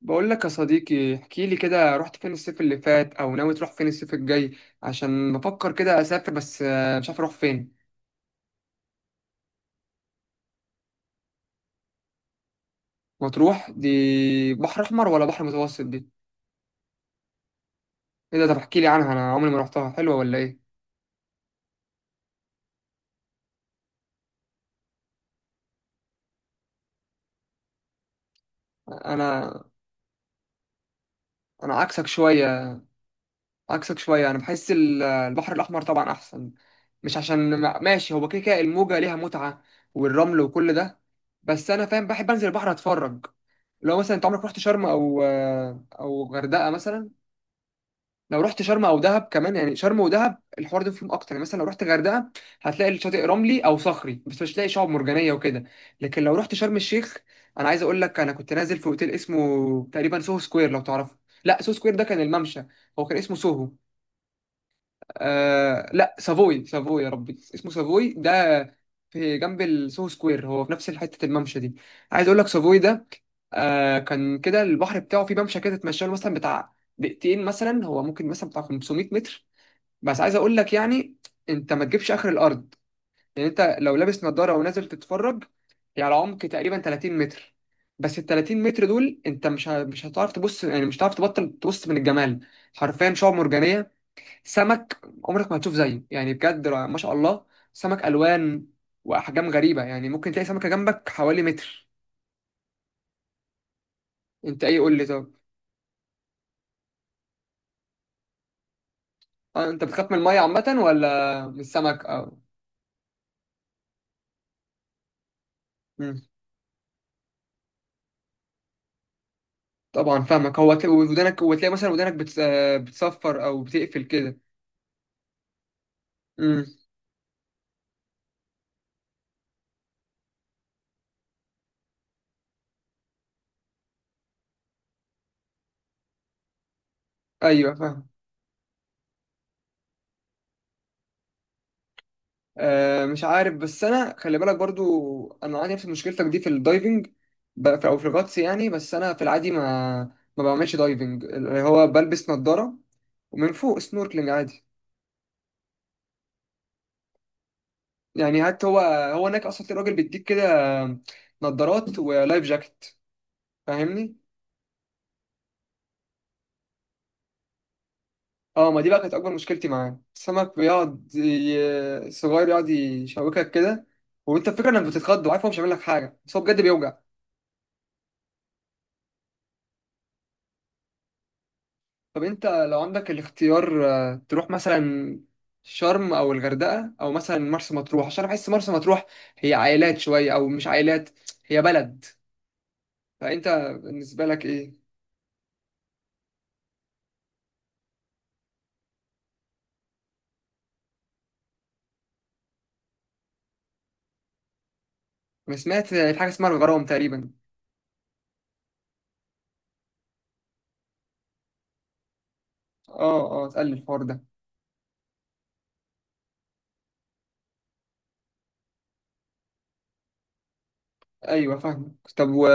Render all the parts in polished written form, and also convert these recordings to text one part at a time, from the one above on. بقول لك يا صديقي، احكي لي كده رحت فين الصيف اللي فات او ناوي تروح فين الصيف الجاي؟ عشان بفكر كده اسافر، بس مش عارف اروح فين. مطروح دي بحر احمر ولا بحر متوسط دي؟ ايه ده؟ طب احكي لي عنها، انا عمري ما رحتها، حلوه ولا ايه؟ انا انا عكسك شويه. عكسك شويه، انا بحس البحر الاحمر طبعا احسن. مش عشان ماشي، هو كده كده الموجه ليها متعه والرمل وكل ده. بس انا فاهم، بحب انزل البحر اتفرج. لو مثلا انت عمرك رحت شرم او غردقه مثلا. لو رحت شرم او دهب كمان، يعني شرم ودهب الحوار ده فيهم اكتر، يعني مثلا لو رحت غردقه هتلاقي الشاطئ رملي او صخري، بس مش هتلاقي شعاب مرجانيه وكده. لكن لو رحت شرم الشيخ، انا عايز اقول لك، انا كنت نازل في اوتيل اسمه تقريبا سوهو سكوير لو تعرفه. لا، سوهو سكوير ده كان الممشى، هو كان اسمه سوهو. آه لا، سافوي، سافوي يا ربي اسمه، سافوي ده في جنب السو سكوير، هو في نفس حتة الممشى دي. عايز اقول لك سافوي ده، آه كان كده البحر بتاعه في ممشى كده تتمشى له مثلا بتاع دقيقتين، مثلا هو ممكن مثلا بتاع 500 متر. بس عايز اقول لك يعني، انت ما تجيبش اخر الارض، يعني انت لو لابس نظارة ونازل تتفرج هي على عمق تقريبا 30 متر. بس ال 30 متر دول انت مش هتعرف تبص، يعني مش هتعرف تبطل تبص من الجمال. حرفيا شعاب مرجانية، سمك عمرك ما هتشوف زيه يعني، بجد ما شاء الله. سمك الوان واحجام غريبه، يعني ممكن تلاقي سمكه جنبك حوالي متر. انت ايه؟ قول لي طب. انت بتخاف من الميه عامه ولا من السمك او؟ مم. طبعا فاهمك، هو تلاقي ودانك وتلاقي مثلا ودانك بت... آه، بتصفر او بتقفل كده. امم. ايوه فاهم. آه مش عارف، بس انا خلي بالك برضو انا عندي نفس مشكلتك دي في الدايفنج، ب- في- او في الغطس يعني. بس انا في العادي ما بعملش دايفنج، اللي هو بلبس نظارة ومن فوق سنوركلينج عادي. يعني حتى هو هناك اصلا في راجل بيديك كده نظارات ولايف جاكيت، فاهمني. اه، ما دي بقى كانت اكبر مشكلتي معاه، السمك صغير يقعد يشوكك كده. وانت الفكره انك بتتخض، وعارف هو مش هيعمل لك حاجه، بس هو بجد بيوجع. طب انت لو عندك الاختيار، تروح مثلا شرم او الغردقه او مثلا مرسى مطروح؟ عشان بحس مرسى مطروح هي عائلات شويه، او مش عائلات، هي بلد. فانت بالنسبه لك ايه؟ انا سمعت في حاجه اسمها الغرام تقريبا. اه اه، اتقل الحوار ده. ايوه فاهمك، طب و،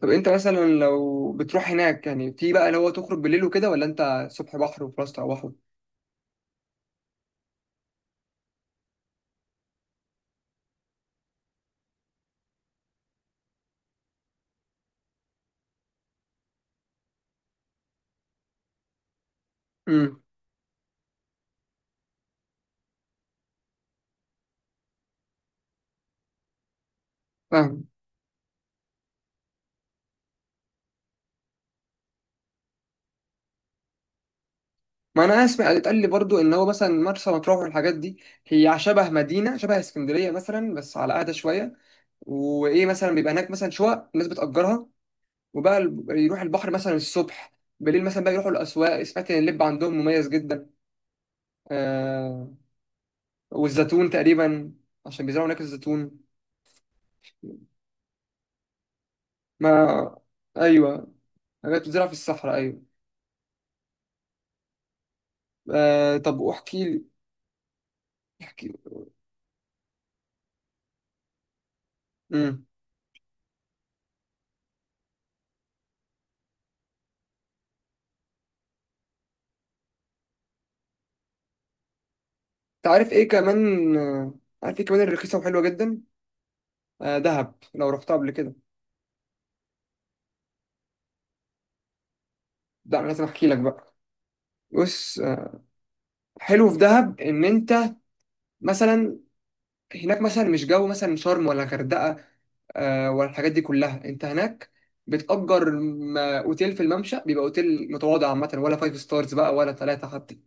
طب انت مثلا لو بتروح هناك يعني في بقى اللي هو تخرج بالليل وكده، ولا انت صبح بحر وفي راس بحر؟ امم. فاهم. ما انا اسمع اتقال لي برضو ان هو مثلا مرسى مطروح والحاجات دي هي شبه مدينه، شبه اسكندريه مثلا بس على قاعده شويه. وايه مثلا بيبقى هناك مثلا شقق الناس بتأجرها، وبقى يروح البحر مثلا الصبح، بالليل مثلا بقى يروحوا الاسواق. سمعت ان اللب عندهم مميز جدا. آه، والزيتون تقريبا، عشان بيزرعوا هناك الزيتون. ما ايوه، حاجات بتزرع في الصحراء ايوه. آه طب واحكي لي، احكي لي. امم. تعرف ايه كمان، عارف ايه كمان الرخيصه وحلوه جدا؟ آه دهب، لو رحتها قبل كده. لا أنا لازم احكي لك بقى. بص، حلو في دهب ان انت مثلا، هناك مثلا مش جو مثلا شرم ولا غردقه ولا الحاجات دي كلها. انت هناك بتأجر اوتيل في الممشى، بيبقى اوتيل متواضع عامة، ولا فايف ستارز بقى ولا ثلاثة حتى،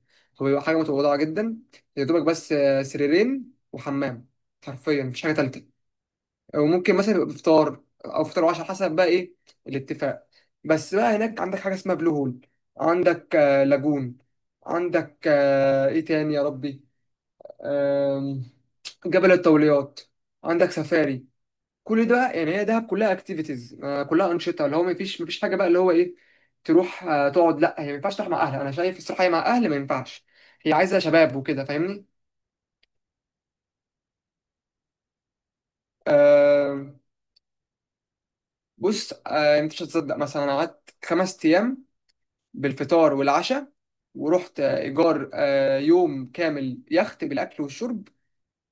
هو بيبقى حاجة متواضعة جدا. يا دوبك بس سريرين وحمام، حرفيا مفيش حاجة تالتة. وممكن مثلا يبقى بفطار او فطار وعشاء، حسب بقى ايه الاتفاق. بس بقى هناك عندك حاجه اسمها بلو هول، عندك لاجون، عندك ايه تاني يا ربي، آم، جبل الطوليات، عندك سفاري. كل ده يعني، هي دهب كلها اكتيفيتيز، كلها انشطه، اللي هو ما فيش حاجه بقى اللي هو ايه، تروح تقعد. لا هي ما ينفعش تروح مع اهل، انا شايف الصراحه هي مع اهل ما ينفعش، هي عايزه شباب وكده، فاهمني. آم، بص، انت مش هتصدق، مثلا انا قعدت 5 ايام بالفطار والعشاء، ورحت إيجار يوم كامل يخت بالأكل والشرب،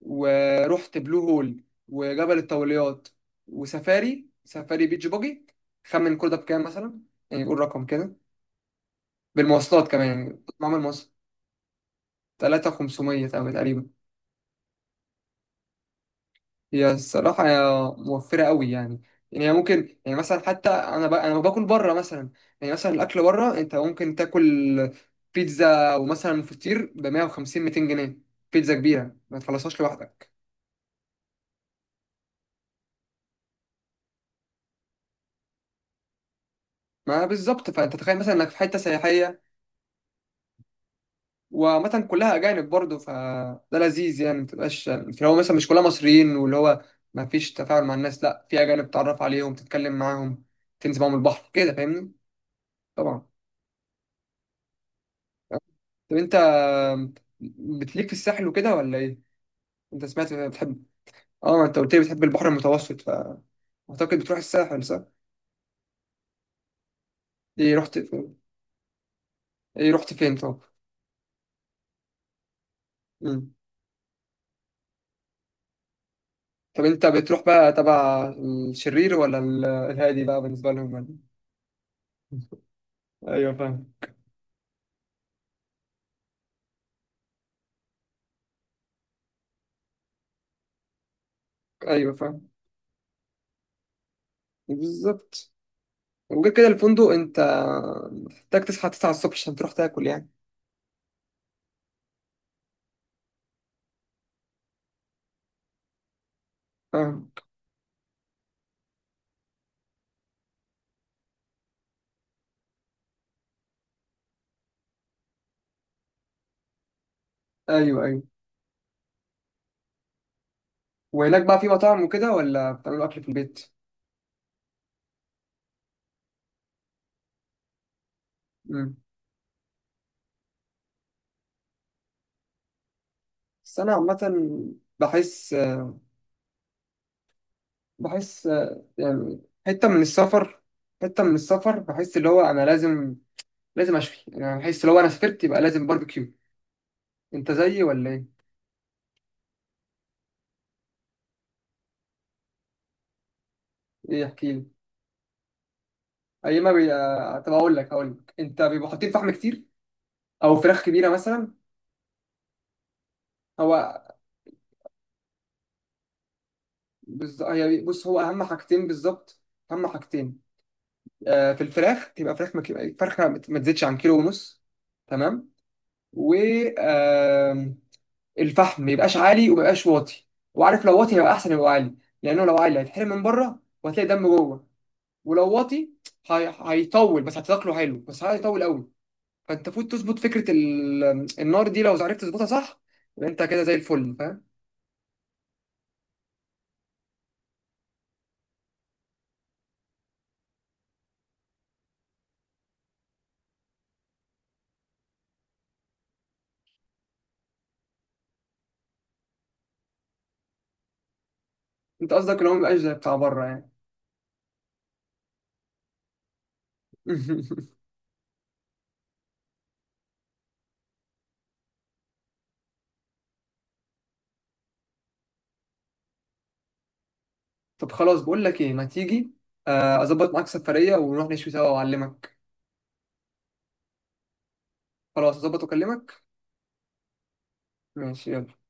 ورحت بلو هول وجبل الطوليات وسفاري، سفاري بيتش باجي. خمن كل ده بكام مثلا؟ يعني قول رقم كده، بالمواصلات كمان يعني معمل مصر. 3500 تقريبا. هي الصراحة هي موفرة قوي يعني. يعني هي ممكن يعني مثلا، حتى أنا أنا باكل بره مثلا، يعني مثلا الأكل بره أنت ممكن تاكل بيتزا ومثلا فطير ب 150 200 جنيه، بيتزا كبيرة ما تخلصهاش لوحدك. ما بالظبط، فأنت تخيل مثلا إنك في حتة سياحية. وعامة كلها أجانب برضه، فده لذيذ يعني، ما تبقاش اللي هو مثلا مش كلها مصريين واللي هو ما فيش تفاعل مع الناس، لا في أجانب تتعرف عليهم، تتكلم معاهم، تنزل معاهم البحر كده، فاهمني. طبعا. طب انت بتليك في الساحل وكده ولا ايه؟ انت سمعت بتحب. اه، ما انت قلت لي بتحب البحر المتوسط، فاعتقد بتروح الساحل صح؟ ايه رحت فين؟ ايه رحت فين طب؟ مم. طب انت بتروح بقى تبع الشرير ولا الهادي بقى بالنسبة لهم ولا؟ ايوه فاهم. ايوه فاهم. بالظبط. وغير كده الفندق انت محتاج تصحى 9 الصبح عشان تروح تاكل يعني. فاهم. ايوه ايوه. وهناك بقى في مطاعم وكده ولا بتعملوا اكل في البيت؟ مم. بس انا عامة بحس بحس يعني حتة من السفر، حتة من السفر بحس اللي هو أنا لازم أشفي. يعني أنا بحس لو أنا سافرت يبقى لازم باربيكيو. أنت زيي ولا إيه؟ إيه احكي لي. أيما بي... آه، طب أقول لك أنت بيبقوا حاطين فحم كتير، أو فراخ كبيرة مثلا. هو هي بص، هو أهم حاجتين بالظبط، أهم حاجتين في الفراخ، تبقى فراخ فرخة ما تزيدش عن 1.5 كيلو. تمام. و الفحم ما يبقاش عالي وما يبقاش واطي، وعارف لو واطي هيبقى احسن يبقى عالي، لانه لو عالي هيتحرق من بره وهتلاقي دم جوه. ولو واطي هيطول، بس هتاكله حلو، بس هيطول قوي. فانت فوت تظبط فكره النار دي، لو عرفت تظبطها صح يبقى انت كده زي الفل، فاهم. انت قصدك لو ما يبقاش زي بتاع بره يعني. طب خلاص، بقول لك ايه، ما تيجي اظبط معاك سفريه ونروح نشوي سوا واعلمك. خلاص اظبط واكلمك. ماشي يلا.